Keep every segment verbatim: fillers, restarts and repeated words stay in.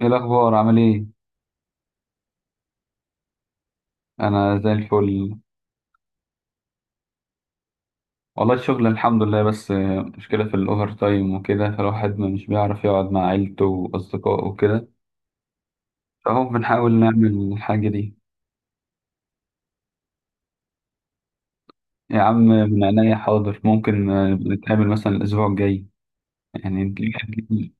ايه الاخبار؟ عامل ايه؟ انا زي الفل. والله الشغل الحمد لله، بس مشكله في الاوفر تايم وكده، فالواحد ما مش بيعرف يقعد مع عيلته واصدقائه وكده. فهو بنحاول نعمل الحاجه دي. يا عم من عينيا حاضر، ممكن آه، نتقابل مثلا الاسبوع الجاي. يعني نجيب حاجة.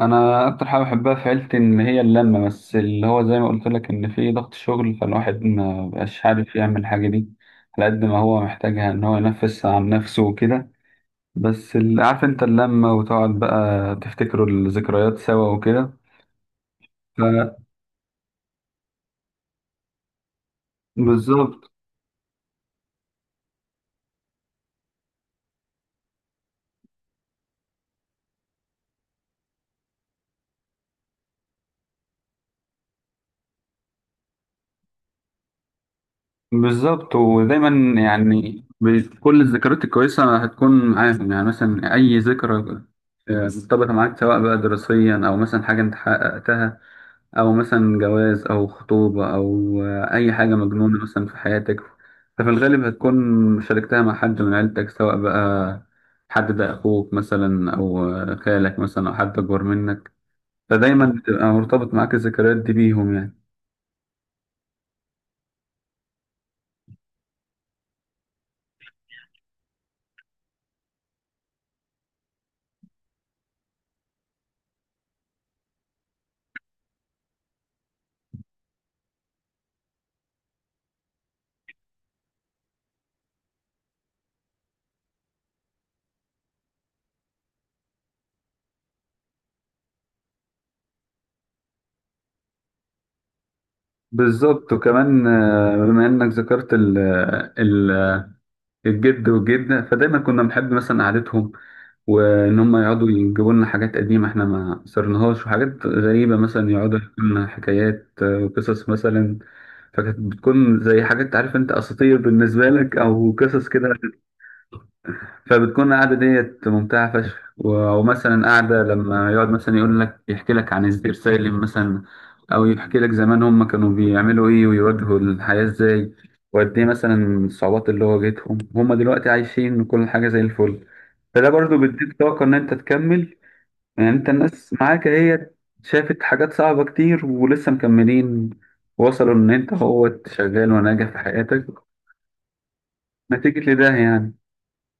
انا اكتر حاجه بحبها في عيلتي ان هي اللمه، بس اللي هو زي ما قلت لك ان في ضغط شغل، فالواحد ما بقاش عارف يعمل الحاجه دي على قد ما هو محتاجها، ان هو ينفس عن نفسه وكده. بس ال- عارف انت اللمة وتقعد بقى تفتكروا الذكريات سوا وكده. ف- بالظبط. بالظبط، ودايما يعني ب- كل الذكريات الكويسة هتكون معاهم، يعني مثلا أي ذكرى آه، مرتبطة معاك، سواء بقى دراسيا أو مثلا حاجة أنت حققتها، أو مثلا جواز أو خطوبة أو آه، أي حاجة مجنونة مثلا في حياتك. ففي الغالب هتكون شاركتها مع حد من عيلتك، سواء بقى حد ده أخوك مثلا أو آه، خالك مثلا أو حد أكبر منك. فدايما بتبقى مرتبط معاك الذكريات دي بيهم يعني. بالظبط. وكمان آه، بما انك ذكرت ال ال الجد والجدة، فدايما كنا بنحب مثلا قعدتهم، وان هم يقعدوا يجيبوا لنا حاجات قديمة احنا ما صرناهاش، وحاجات غريبة مثلا يقعدوا يحكوا لنا حكايات آه، وقصص مثلا. فكانت بتكون زي حاجات، عارف انت، اساطير بالنسبة لك او قصص كده. فبتكون القعدة ديت ممتعة فشخ و- ومثلا قعدة لما يقعد مثلا يقول لك، يحكي لك عن الزئير سالم مثلا، أو يحكي لك زمان هم كانوا بيعملوا إيه ويواجهوا الحياة إزاي، وقد إيه مثلا الصعوبات اللي واجهتهم. هم دلوقتي عايشين وكل حاجة زي الفل. فده برضو بيديك طاقة إن أنت تكمل. يعني أنت الناس معاك هي شافت حاجات صعبة كتير، ولسه مكملين، وصلوا إن أنت هو شغال وناجح في حياتك نتيجة لده يعني.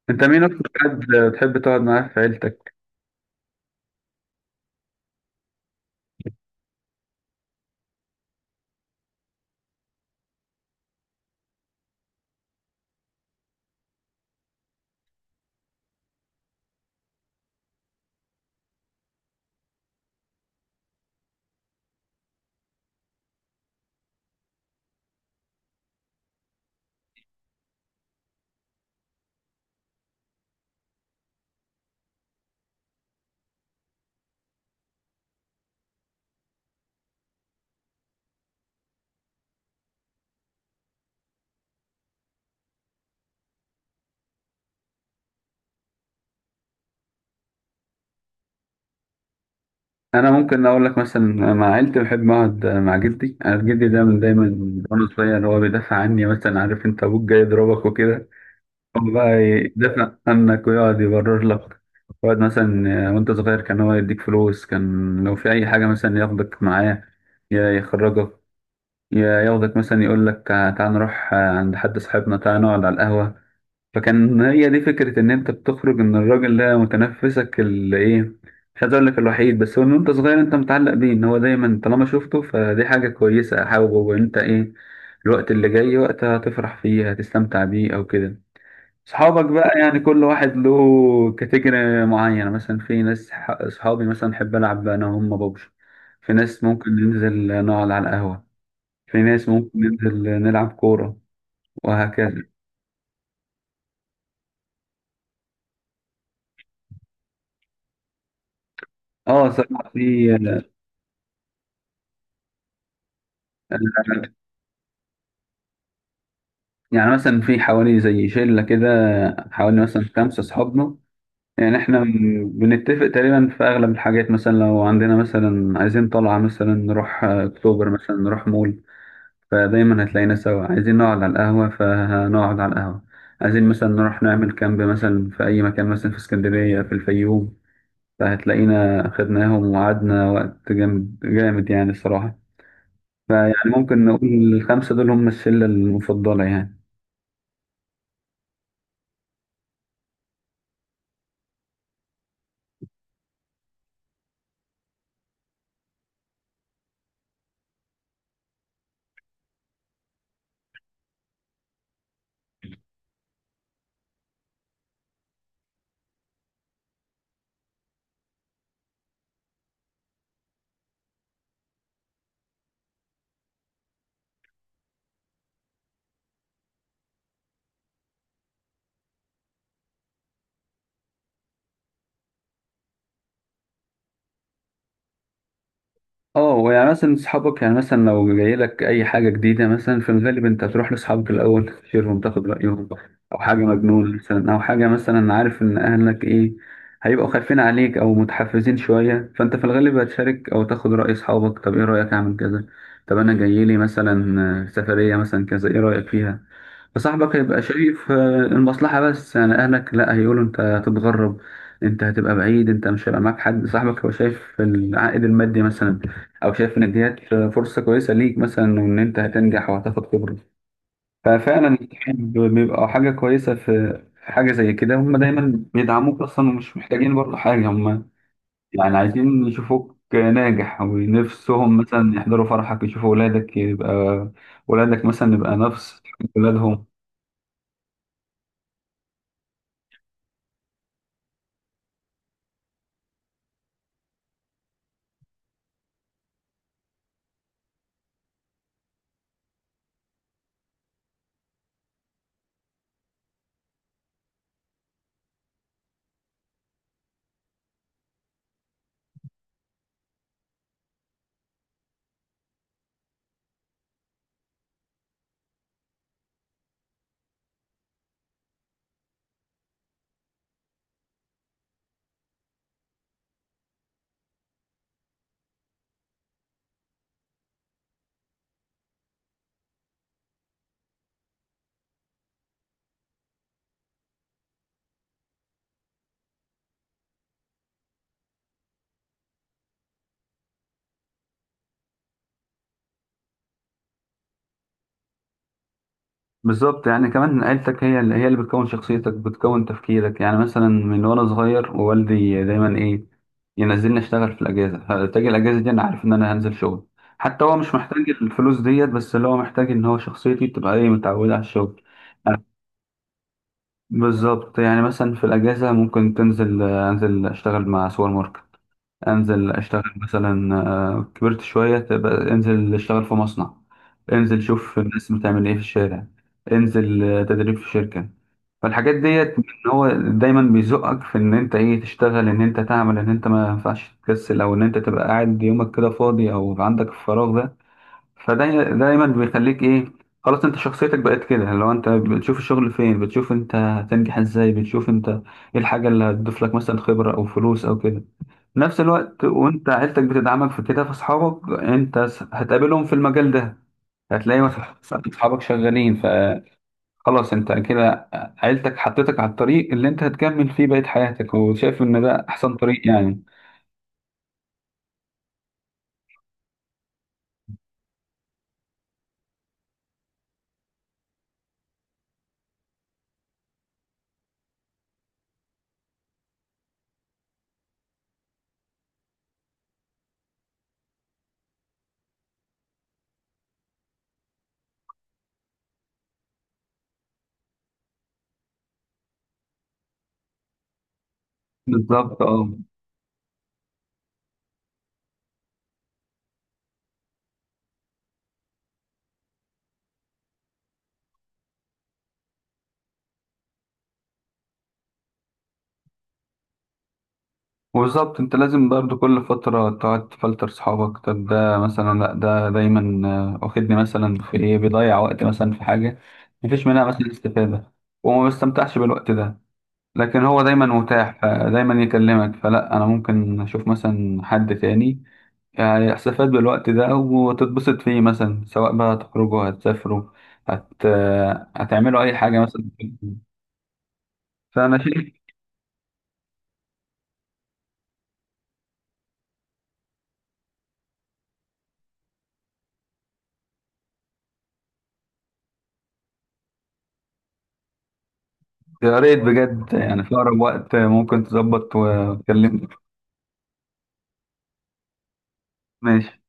أنت مين أكتر حد بتحب تقعد معاه في عيلتك؟ انا ممكن اقول لك مثلا مع عيلتي بحب اقعد مع جدي. انا جدي ده من دايما، من وانا صغير، هو بيدافع عني. مثلا عارف انت ابوك جاي يضربك وكده، هو بقى يدافع عنك ويقعد يبرر لك. يقعد مثلا، وانت صغير، كان هو يديك فلوس، كان لو في اي حاجه مثلا ياخدك معاه، يا يخرجك، يا ياخدك مثلا، يقول لك تعال نروح عند حد صاحبنا، تعال نقعد على القهوه. فكان هي دي فكرة إن أنت بتخرج، إن الراجل ده متنفسك اللي إيه، مش عايز أقول لك الوحيد، بس هو إن أنت صغير أنت متعلق بيه، إن هو دايما طالما شفته، فدي حاجة كويسة. أحاول وأنت إيه، الوقت اللي جاي وقت هتفرح فيه، هتستمتع بيه أو كده. صحابك بقى يعني كل واحد له كاتيجوري معينة. مثلا في ناس ح- صحابي مثلا أحب ألعب أنا وهم ببجي، في ناس ممكن ننزل نقعد على القهوة، في ناس ممكن ننزل نلعب كورة، وهكذا. اه، صراحة في، يعني مثلا في حوالي زي شلة كده، حوالي مثلا خمسة أصحابنا. يعني إحنا م- بنتفق تقريبا في أغلب الحاجات. مثلا لو عندنا مثلا، عايزين طلعة مثلا نروح آه، أكتوبر، مثلا نروح مول، فدايما هتلاقينا سوا. عايزين نقعد على القهوة، فهنقعد على القهوة. عايزين مثلا نروح نعمل كامب مثلا في أي مكان، مثلا في اسكندرية، في الفيوم، فهتلاقينا خدناهم وقعدنا وقت جامد جامد، يعني الصراحة. فيعني ممكن نقول الخمسة دول هم الشلة المفضلة يعني. اه. يعني مثلا صحابك، يعني مثلا لو جاي لك اي حاجه جديده، مثلا في الغالب انت هتروح لاصحابك الاول تستشيرهم، تاخد رايهم. او حاجه مجنون مثلا، او حاجه مثلا، عارف ان اهلك ايه، هيبقوا خايفين عليك او متحفزين شويه، فانت في الغالب هتشارك او تاخد راي اصحابك. طب ايه رايك اعمل كذا؟ طب انا جاي لي مثلا سفريه مثلا كذا، ايه رايك فيها؟ فصاحبك هيبقى شايف آه، المصلحة بس، يعني أهلك لأ، هيقولوا أنت هتتغرب، أنت هتبقى بعيد، أنت مش هيبقى معاك حد. صاحبك هو شايف العائد المادي مثلا، أو شايف إن ديت فرصة كويسة ليك مثلا، وإن أنت هتنجح وهتاخد خبرة. ففعلا الصحاب بيبقى حاجة كويسة. في في حاجة زي كده هم دايما بيدعموك أصلا، ومش محتاجين برضه حاجة هم. يعني عايزين يشوفوك ناجح، ونفسهم مثلا يحضروا فرحك، يشوفوا ولادك، يبقى ولادك مثلا يبقى نفس ولادهم. بالظبط. يعني كمان عيلتك هي اللي هي اللي بتكون شخصيتك، بتكون تفكيرك. يعني مثلا من وانا صغير، ووالدي دايما ايه، ينزلني اشتغل في الاجازه، فتجي الاجازه دي انا عارف ان انا هنزل شغل. حتى هو مش محتاج الفلوس ديت، بس اللي هو محتاج ان هو شخصيتي تبقى ايه، متعوده على الشغل. بالظبط. يعني مثلا في الاجازه ممكن تنزل انزل اشتغل مع سوبر ماركت، انزل اشتغل مثلا آه، كبرت شويه، تبقى انزل اشتغل في مصنع، انزل شوف الناس بتعمل ايه في الشارع، انزل آه، تدريب في شركه. فالحاجات ديت، ان هو دايما بيزقك في ان انت ايه، تشتغل، ان انت تعمل، ان انت ما ينفعش تكسل، او ان انت تبقى قاعد يومك كده فاضي، او عندك الفراغ ده. فده دايما بيخليك ايه، خلاص انت شخصيتك بقت كده. لو انت بتشوف الشغل فين، بتشوف انت هتنجح ازاي، بتشوف انت ايه الحاجة اللي هتضيف لك مثلا خبرة او فلوس او كده. في نفس الوقت وانت عيلتك بتدعمك في كده، فاصحابك انت هتقابلهم في المجال ده، هتلاقي مثلا اصحابك شغالين. خلاص، انت كده عيلتك حطيتك على الطريق اللي انت هتكمل فيه بقية حياتك، وشايف ان ده احسن طريق يعني. بالظبط، اه. وبالظبط، انت لازم برضه كل فترة تقعد تفلتر صحابك. طب ده مثلا لا، ده دايما آه، واخدني مثلا في ايه، بيضيع وقت مثلا في حاجة مفيش منها مثلا استفادة، وما بستمتعش بالوقت ده، لكن هو دايما متاح، دايما يكلمك، فلا، انا ممكن اشوف مثلا حد تاني يعني استفاد بالوقت ده وتتبسط فيه. مثلا سواء بقى هتخرجوا، هتسافروا، هت... آه، هتعملوا أي حاجة مثلا. فأنا شايف يا ريت بجد، يعني في أقرب وقت ممكن تظبط وتكلمني. ماشي.